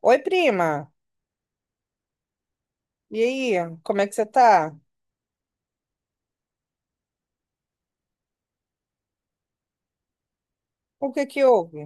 Oi, prima. E aí, como é que você tá? O que que houve?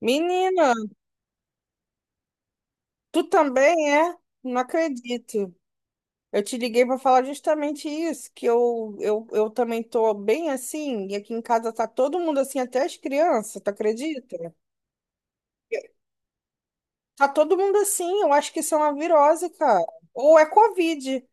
Menina, tu também é? Não acredito. Eu te liguei para falar justamente isso, que eu também tô bem assim, e aqui em casa tá todo mundo assim, até as crianças, tu acredita? Tá todo mundo assim, eu acho que isso é uma virose, cara. Ou é Covid.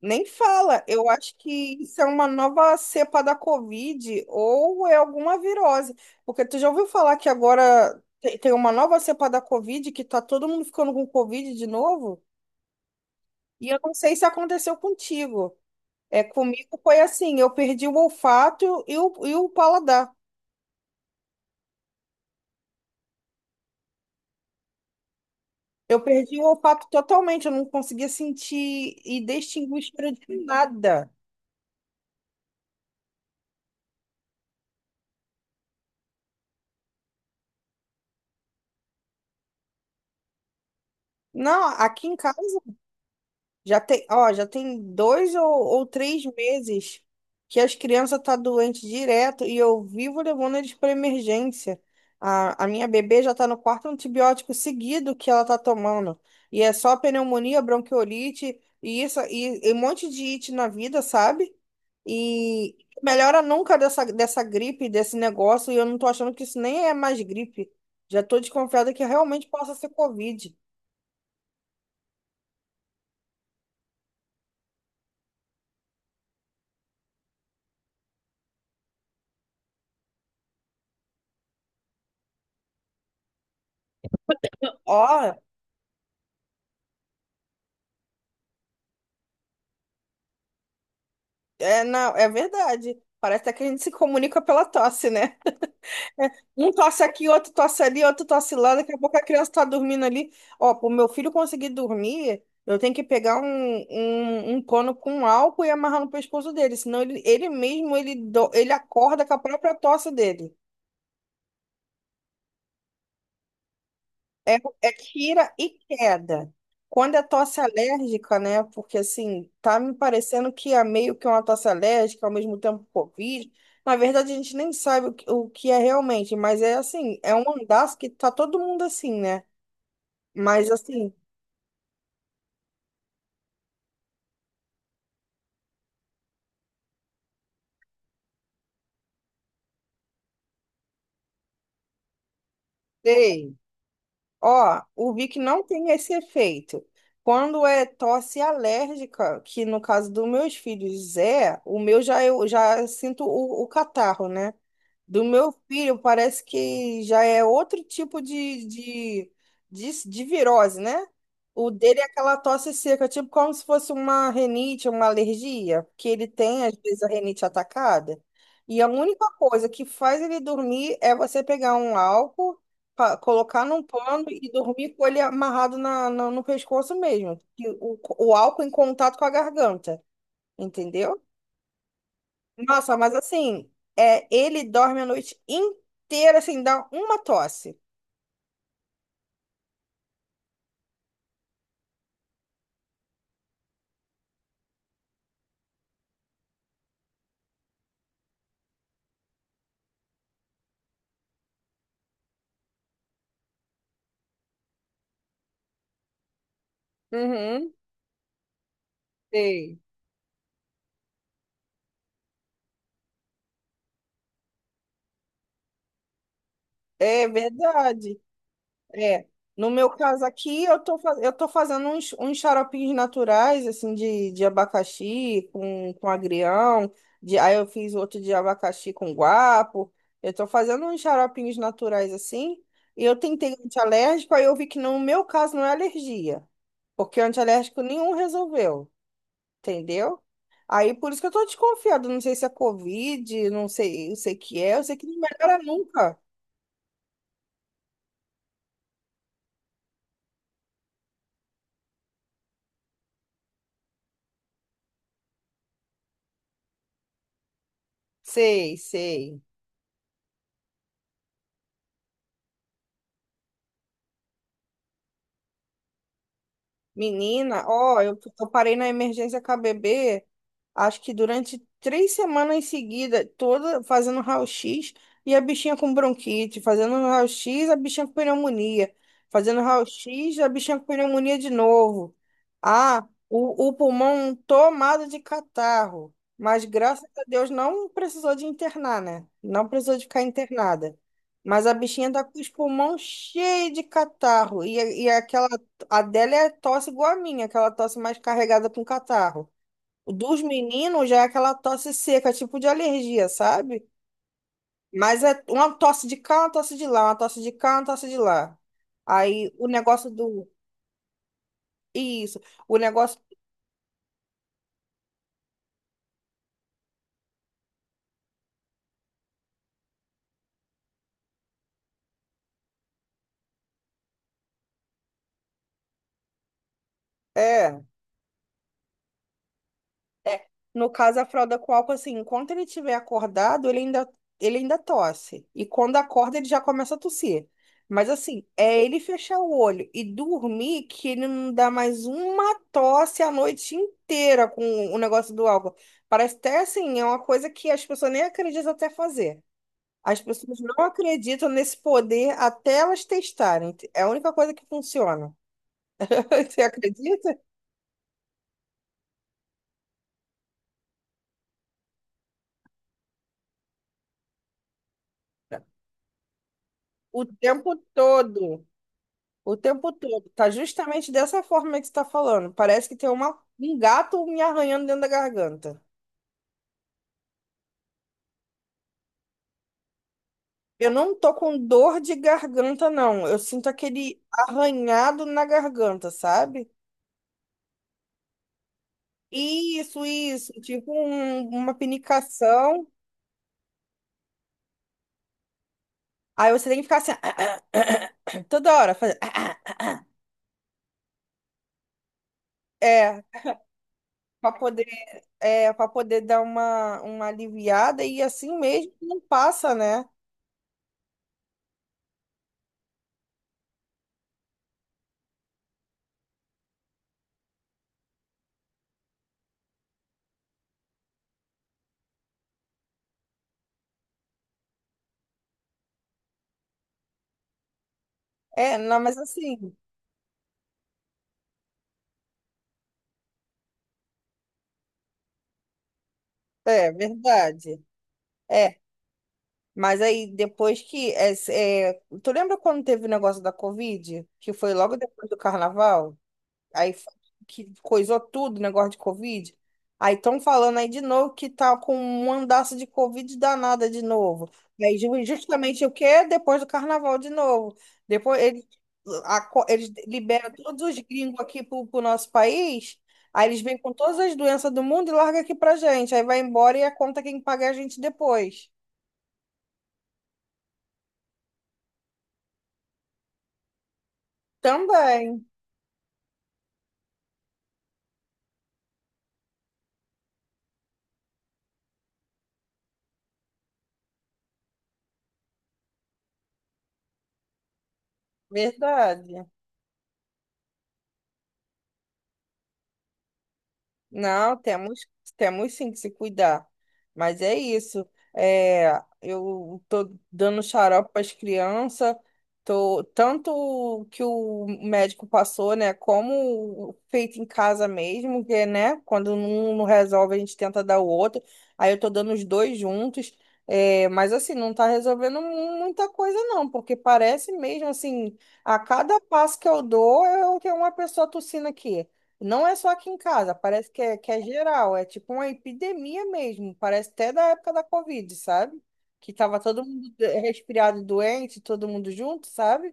Nem fala. Eu acho que isso é uma nova cepa da Covid ou é alguma virose. Porque tu já ouviu falar que agora tem uma nova cepa da Covid que tá todo mundo ficando com Covid de novo? E eu não sei se aconteceu contigo. É, comigo foi assim, eu perdi o olfato e o paladar. Eu perdi o olfato totalmente, eu não conseguia sentir e distinguir cheiro de nada. Não, aqui em casa já tem, ó, já tem dois ou três meses que as crianças tá doente direto e eu vivo levando eles para emergência. A minha bebê já tá no quarto antibiótico seguido que ela tá tomando. E é só pneumonia, bronquiolite e isso e um monte de it na vida, sabe? E melhora nunca dessa gripe, desse negócio, e eu não tô achando que isso nem é mais gripe. Já tô desconfiada que realmente possa ser Covid. Ó, é, não, é verdade. Parece até que a gente se comunica pela tosse, né? Um tosse aqui, outro tosse ali, outro tosse lá. Daqui a pouco a criança tá dormindo ali. Ó, pro meu filho conseguir dormir, eu tenho que pegar um pano com álcool e amarrar no pescoço dele. Senão ele mesmo, ele acorda com a própria tosse dele. É, é tira e queda. Quando é tosse alérgica, né? Porque assim, tá me parecendo que é meio que uma tosse alérgica, ao mesmo tempo Covid. Na verdade, a gente nem sabe o que é realmente, mas é assim, é um andaço que tá todo mundo assim, né? Mas assim, sei. Ó, o Vic não tem esse efeito. Quando é tosse alérgica, que no caso dos meus filhos é, o meu já eu já sinto o catarro, né? Do meu filho, parece que já é outro tipo de virose, né? O dele é aquela tosse seca, tipo como se fosse uma rinite, uma alergia, que ele tem, às vezes, a rinite atacada. E a única coisa que faz ele dormir é você pegar um álcool, colocar num pano e dormir com ele amarrado no pescoço mesmo. E o álcool em contato com a garganta, entendeu? Nossa, mas assim, ele dorme a noite inteira sem dar uma tosse. Uhum, sei. É verdade. É. No meu caso aqui, eu tô fazendo uns xaropinhos naturais, assim, de abacaxi com agrião. Aí eu fiz outro de abacaxi com guapo. Eu tô fazendo uns xaropinhos naturais, assim. E eu tentei antialérgico, aí eu vi que no meu caso não é alergia. Porque o antialérgico nenhum resolveu. Entendeu? Aí por isso que eu tô desconfiada, não sei se é Covid, não sei, eu sei que é, eu sei que não melhora nunca. Sei, sei. Menina, ó, eu parei na emergência KBB acho que durante 3 semanas em seguida, toda fazendo raio-x e a bichinha com bronquite, fazendo raio-x, a bichinha com pneumonia, fazendo raio-x, a bichinha com pneumonia de novo. Ah, o pulmão tomado de catarro. Mas graças a Deus não precisou de internar, né? Não precisou de ficar internada. Mas a bichinha tá com os pulmões cheios de catarro. E a dela é tosse igual a minha, aquela tosse mais carregada com catarro. O Dos meninos já é aquela tosse seca, tipo de alergia, sabe? Mas é uma tosse de cá, uma tosse de lá, uma tosse de cá, uma tosse de lá. Aí o negócio do. Isso. O negócio. É. É, no caso, a fralda com álcool, assim, enquanto ele estiver acordado, ele ainda tosse. E quando acorda, ele já começa a tossir. Mas assim, é ele fechar o olho e dormir que ele não dá mais uma tosse a noite inteira com o negócio do álcool. Parece até assim, é uma coisa que as pessoas nem acreditam até fazer. As pessoas não acreditam nesse poder até elas testarem. É a única coisa que funciona. Você acredita? O tempo todo. O tempo todo. Tá justamente dessa forma que você tá falando. Parece que tem um gato me arranhando dentro da garganta. Eu não tô com dor de garganta, não. Eu sinto aquele arranhado na garganta, sabe? Isso, isso. Tipo uma pinicação. Aí você tem que ficar assim, toda hora, fazer. É, pra poder, para poder dar uma aliviada e assim mesmo não passa, né? É, não, mas assim, é verdade. É, Mas aí, depois que. Tu lembra quando teve o negócio da Covid? Que foi logo depois do carnaval? Aí f- que coisou tudo, o negócio de Covid. Aí estão falando aí de novo que tá com um andaço de Covid danada de novo. E aí, justamente o quê? Depois do carnaval de novo. Depois eles liberam todos os gringos aqui pro nosso país. Aí eles vêm com todas as doenças do mundo e larga aqui pra gente. Aí vai embora e a conta quem paga é a gente depois. Também. Verdade. Não, temos sim que se cuidar. Mas é isso. É, eu tô dando xarope para as crianças, tô, tanto o que o médico passou, né? Como o feito em casa mesmo, que, né? Quando um não resolve, a gente tenta dar o outro. Aí eu tô dando os dois juntos. Mas assim, não tá resolvendo muita coisa, não, porque parece mesmo assim, a cada passo que eu dou, eu tenho uma pessoa tossindo aqui. Não é só aqui em casa, parece que é, geral, é tipo uma epidemia mesmo, parece até da época da Covid, sabe? Que tava todo mundo resfriado, doente, todo mundo junto, sabe?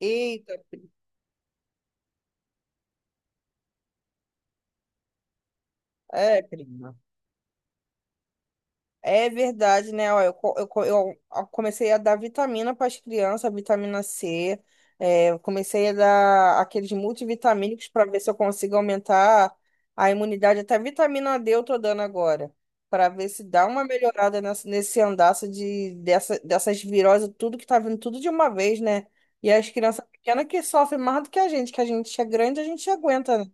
Eita, prima. É verdade, né? Ó, eu comecei a dar vitamina para as crianças, vitamina C. Eu comecei a dar aqueles multivitamínicos para ver se eu consigo aumentar a imunidade. Até vitamina D eu tô dando agora, para ver se dá uma melhorada nesse andaço dessas viroses, tudo que tá vindo tudo de uma vez, né? E as crianças pequenas que sofrem mais do que a gente é grande, a gente aguenta,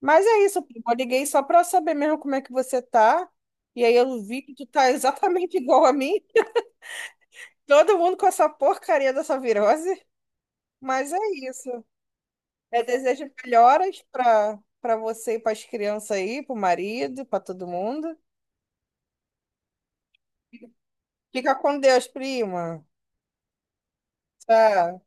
mas é isso, primo. Eu liguei só para saber mesmo como é que você tá. E aí eu vi que tu tá exatamente igual a mim. Todo mundo com essa porcaria dessa virose. Mas é isso. Eu desejo melhoras para você e para as crianças aí, para o marido, para todo mundo. Fica com Deus, prima. Tchau.